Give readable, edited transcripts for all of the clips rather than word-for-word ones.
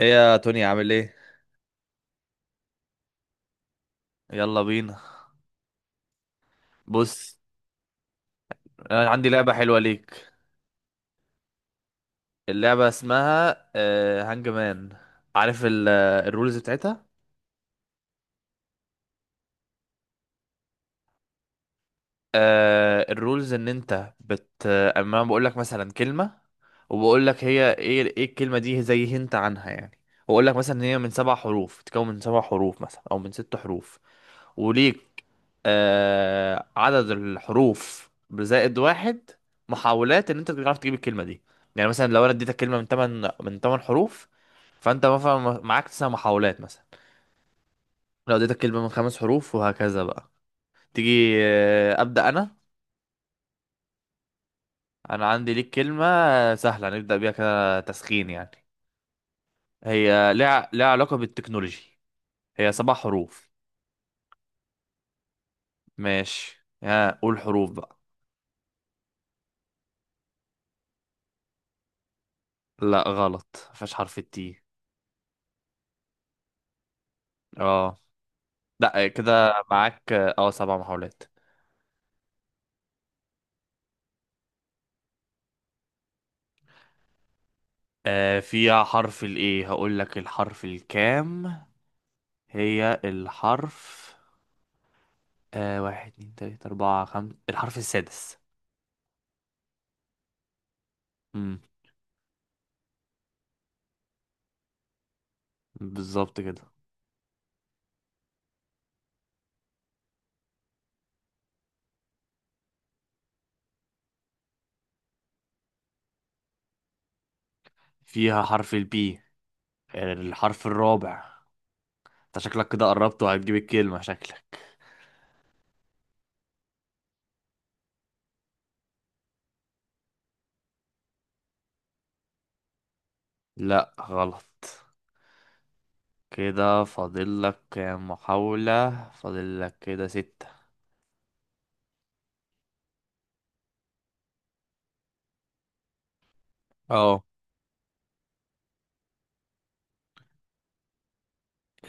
ايه يا توني، عامل ايه؟ يلا بينا. بص، انا عندي لعبة حلوة ليك. اللعبة اسمها هانج مان. عارف الرولز بتاعتها؟ الرولز ان انت اما أنا بقول لك مثلا كلمه، وبقول لك هي ايه الكلمه دي، زي هنت عنها يعني. واقول لك مثلا ان هي من سبع حروف تتكون من 7 حروف مثلا، او من 6 حروف. وليك عدد الحروف بزائد واحد محاولات، ان انت تعرف تجيب الكلمه دي. يعني مثلا لو انا اديتك كلمه من 8 حروف، فانت مثلا معاك 9 محاولات مثلا. لو اديتك كلمه من 5 حروف، وهكذا بقى. تيجي؟ ابدا انا عندي ليك كلمة سهلة، نبدأ بيها كده تسخين يعني. هي لها علاقة بالتكنولوجي. هي 7 حروف. ماشي، ها قول حروف بقى. لا غلط، مفيهاش حرف التي. اه، لا كده معاك 7 محاولات. فيها حرف الايه. هقول لك الحرف الكام. هي الحرف آه واحد اتنين تلاتة أربعة خمسة، الحرف السادس. امم. بالظبط كده. فيها حرف البي، الحرف الرابع. انت شكلك كده قربت وهتجيب الكلمة، شكلك. لا غلط. كده فاضل لك كام محاولة؟ فاضل لك كده ستة. اه.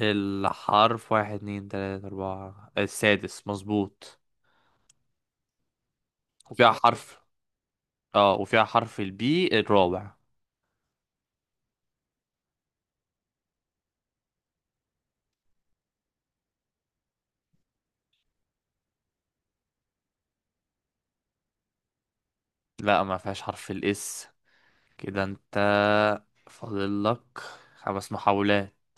الحرف واحد اتنين تلاتة أربعة، السادس مظبوط. وفيها حرف اه وفيها حرف البي الرابع. لا، ما فيهاش حرف الاس. كده انت فاضل لك 5 محاولات.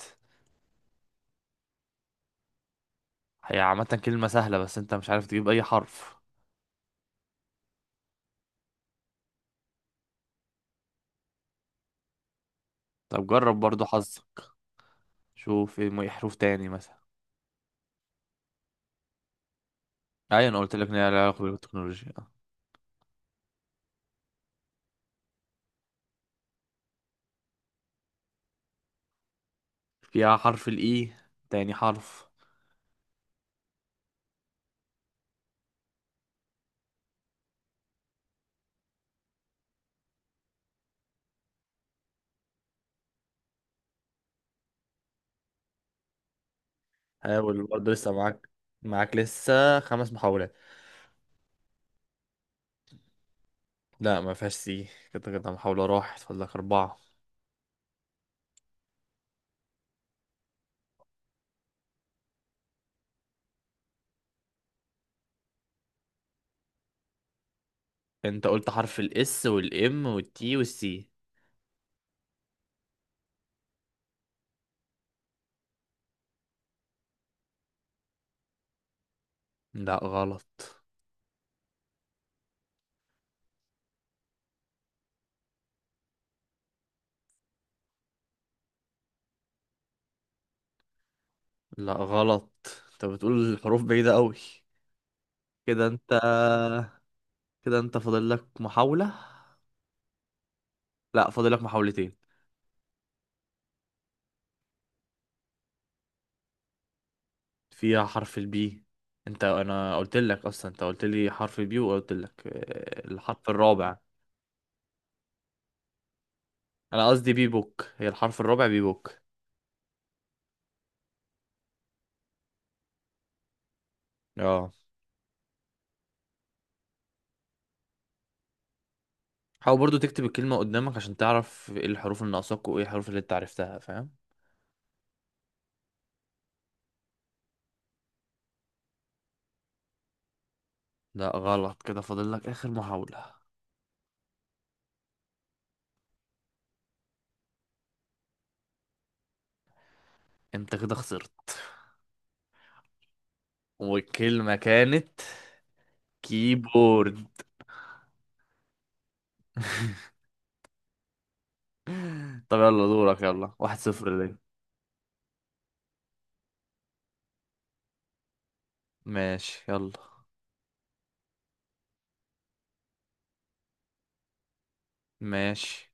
هي عامة كلمة سهلة، بس انت مش عارف تجيب اي حرف. طب جرب برضو حظك. شوف ايه إيه حروف تاني مثلا. ايوه انا قلت لك ان هي لها علاقه بالتكنولوجيا. فيها حرف الاي، تاني حرف. حاول برضه، لسه معاك لسه 5 محاولات. لا، ما فيهاش سي. كده محاولة راحت، فاضل لك أربعة. أنت قلت حرف الإس والإم والتي والسي. لا غلط. لا غلط. أنت بتقول الحروف بعيدة أوي. كده أنت، كده أنت فاضل لك محاولة. لا، فاضل لك محاولتين. فيها حرف البي. انا قلت لك اصلا، انت قلت لي حرف البي وقلت لك الحرف الرابع. انا قصدي بي بوك، هي الحرف الرابع بي بوك. اه. حاول برضو تكتب الكلمة قدامك عشان تعرف ايه الحروف اللي ناقصاك وايه الحروف اللي انت عرفتها، فاهم؟ لا غلط. كده فاضل لك اخر محاولة. انت كده خسرت. والكلمة كانت كيبورد. طب يلا دورك يلا، 1-0 ليه. ماشي يلا. ماشي.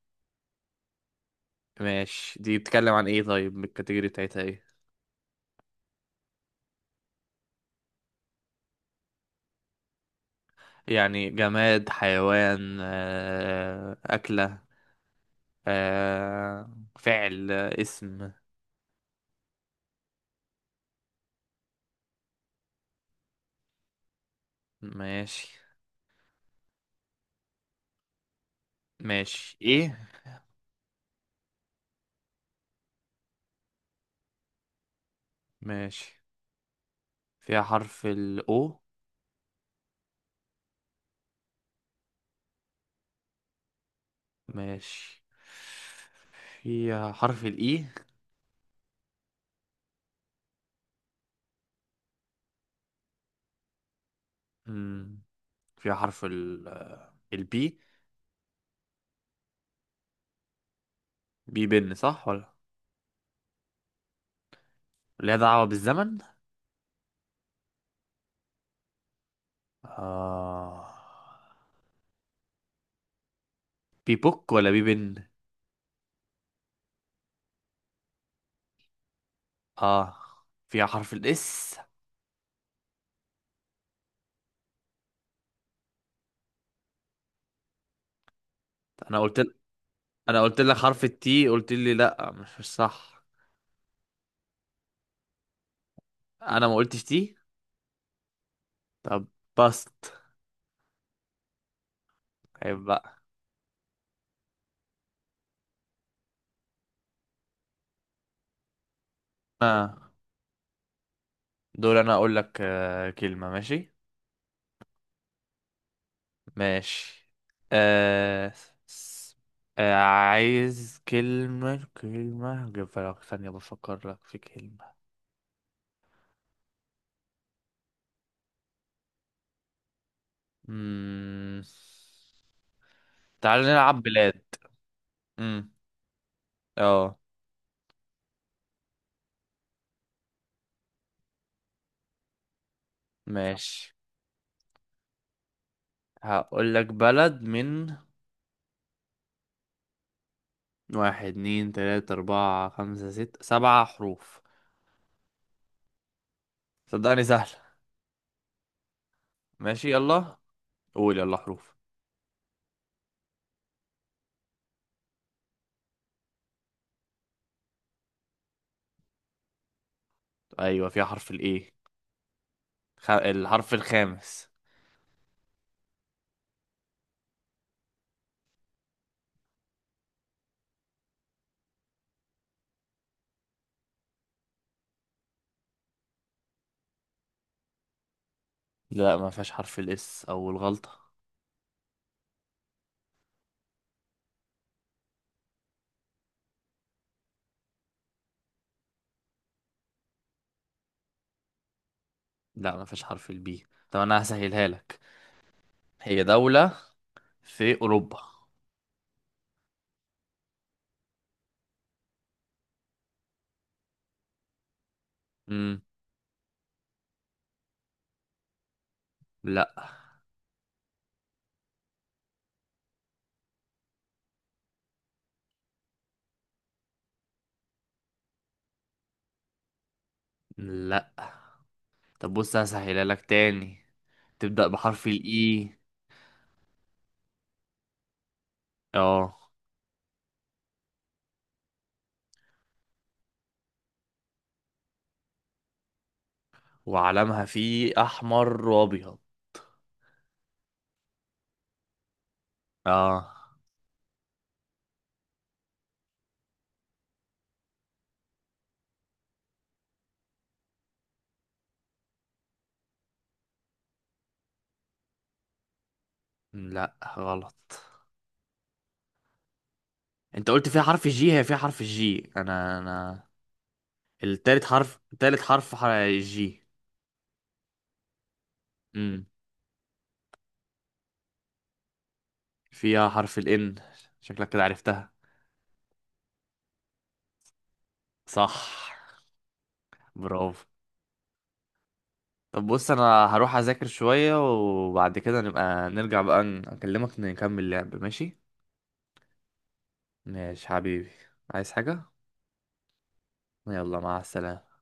ماشي، دي بتتكلم عن ايه؟ طيب الكاتيجوري بتاعتها ايه؟ يعني جماد، حيوان، أكلة، آه، فعل، اسم؟ ماشي. ماشي، ايه؟ ماشي. فيها حرف الاو؟ ماشي. فيها حرف الاي؟ مم. فيها حرف البي. بي بن، صح ولا؟ ليها دعوة بالزمن؟ آه. بي بوك ولا بي بن؟ اه. فيها حرف الاس. انا قلت انا قلت لك حرف التي، قلت لي لا مش صح. انا ما قلتش تي. طب، باست. عيب بقى. آه. دور انا اقول لك كلمة، ماشي. ماشي. آه. س- عايز كلمة، جيب لك ثانية، بفكر لك في كلمة. مم. تعال نلعب بلاد. مم. اه ماشي. هقول لك بلد من واحد اتنين تلاتة أربعة خمسة ستة 7 حروف. صدقني سهل. ماشي يلا. قول يلا حروف. ايوه فيها حرف الايه، الحرف الخامس. لا ما فيهاش حرف الاس، او الغلطة. لا ما فيهاش حرف البي. طب انا هسهلها لك. هي دولة في اوروبا. امم. لا. لا. طب بص، هسهلها لك تاني. تبدأ بحرف الاي. اه. وعلمها فيه احمر وابيض. اه. لا غلط. انت قلت فيها حرف الجي، هي فيها حرف الجي. انا التالت حرف تالت حرف جي. امم. فيها حرف الان. شكلك كده عرفتها. صح. برافو. طب بص، انا هروح اذاكر شوية، وبعد كده نبقى نرجع بقى، اكلمك نكمل لعب، ماشي؟ ماشي حبيبي. عايز حاجة؟ يلا، مع السلامة.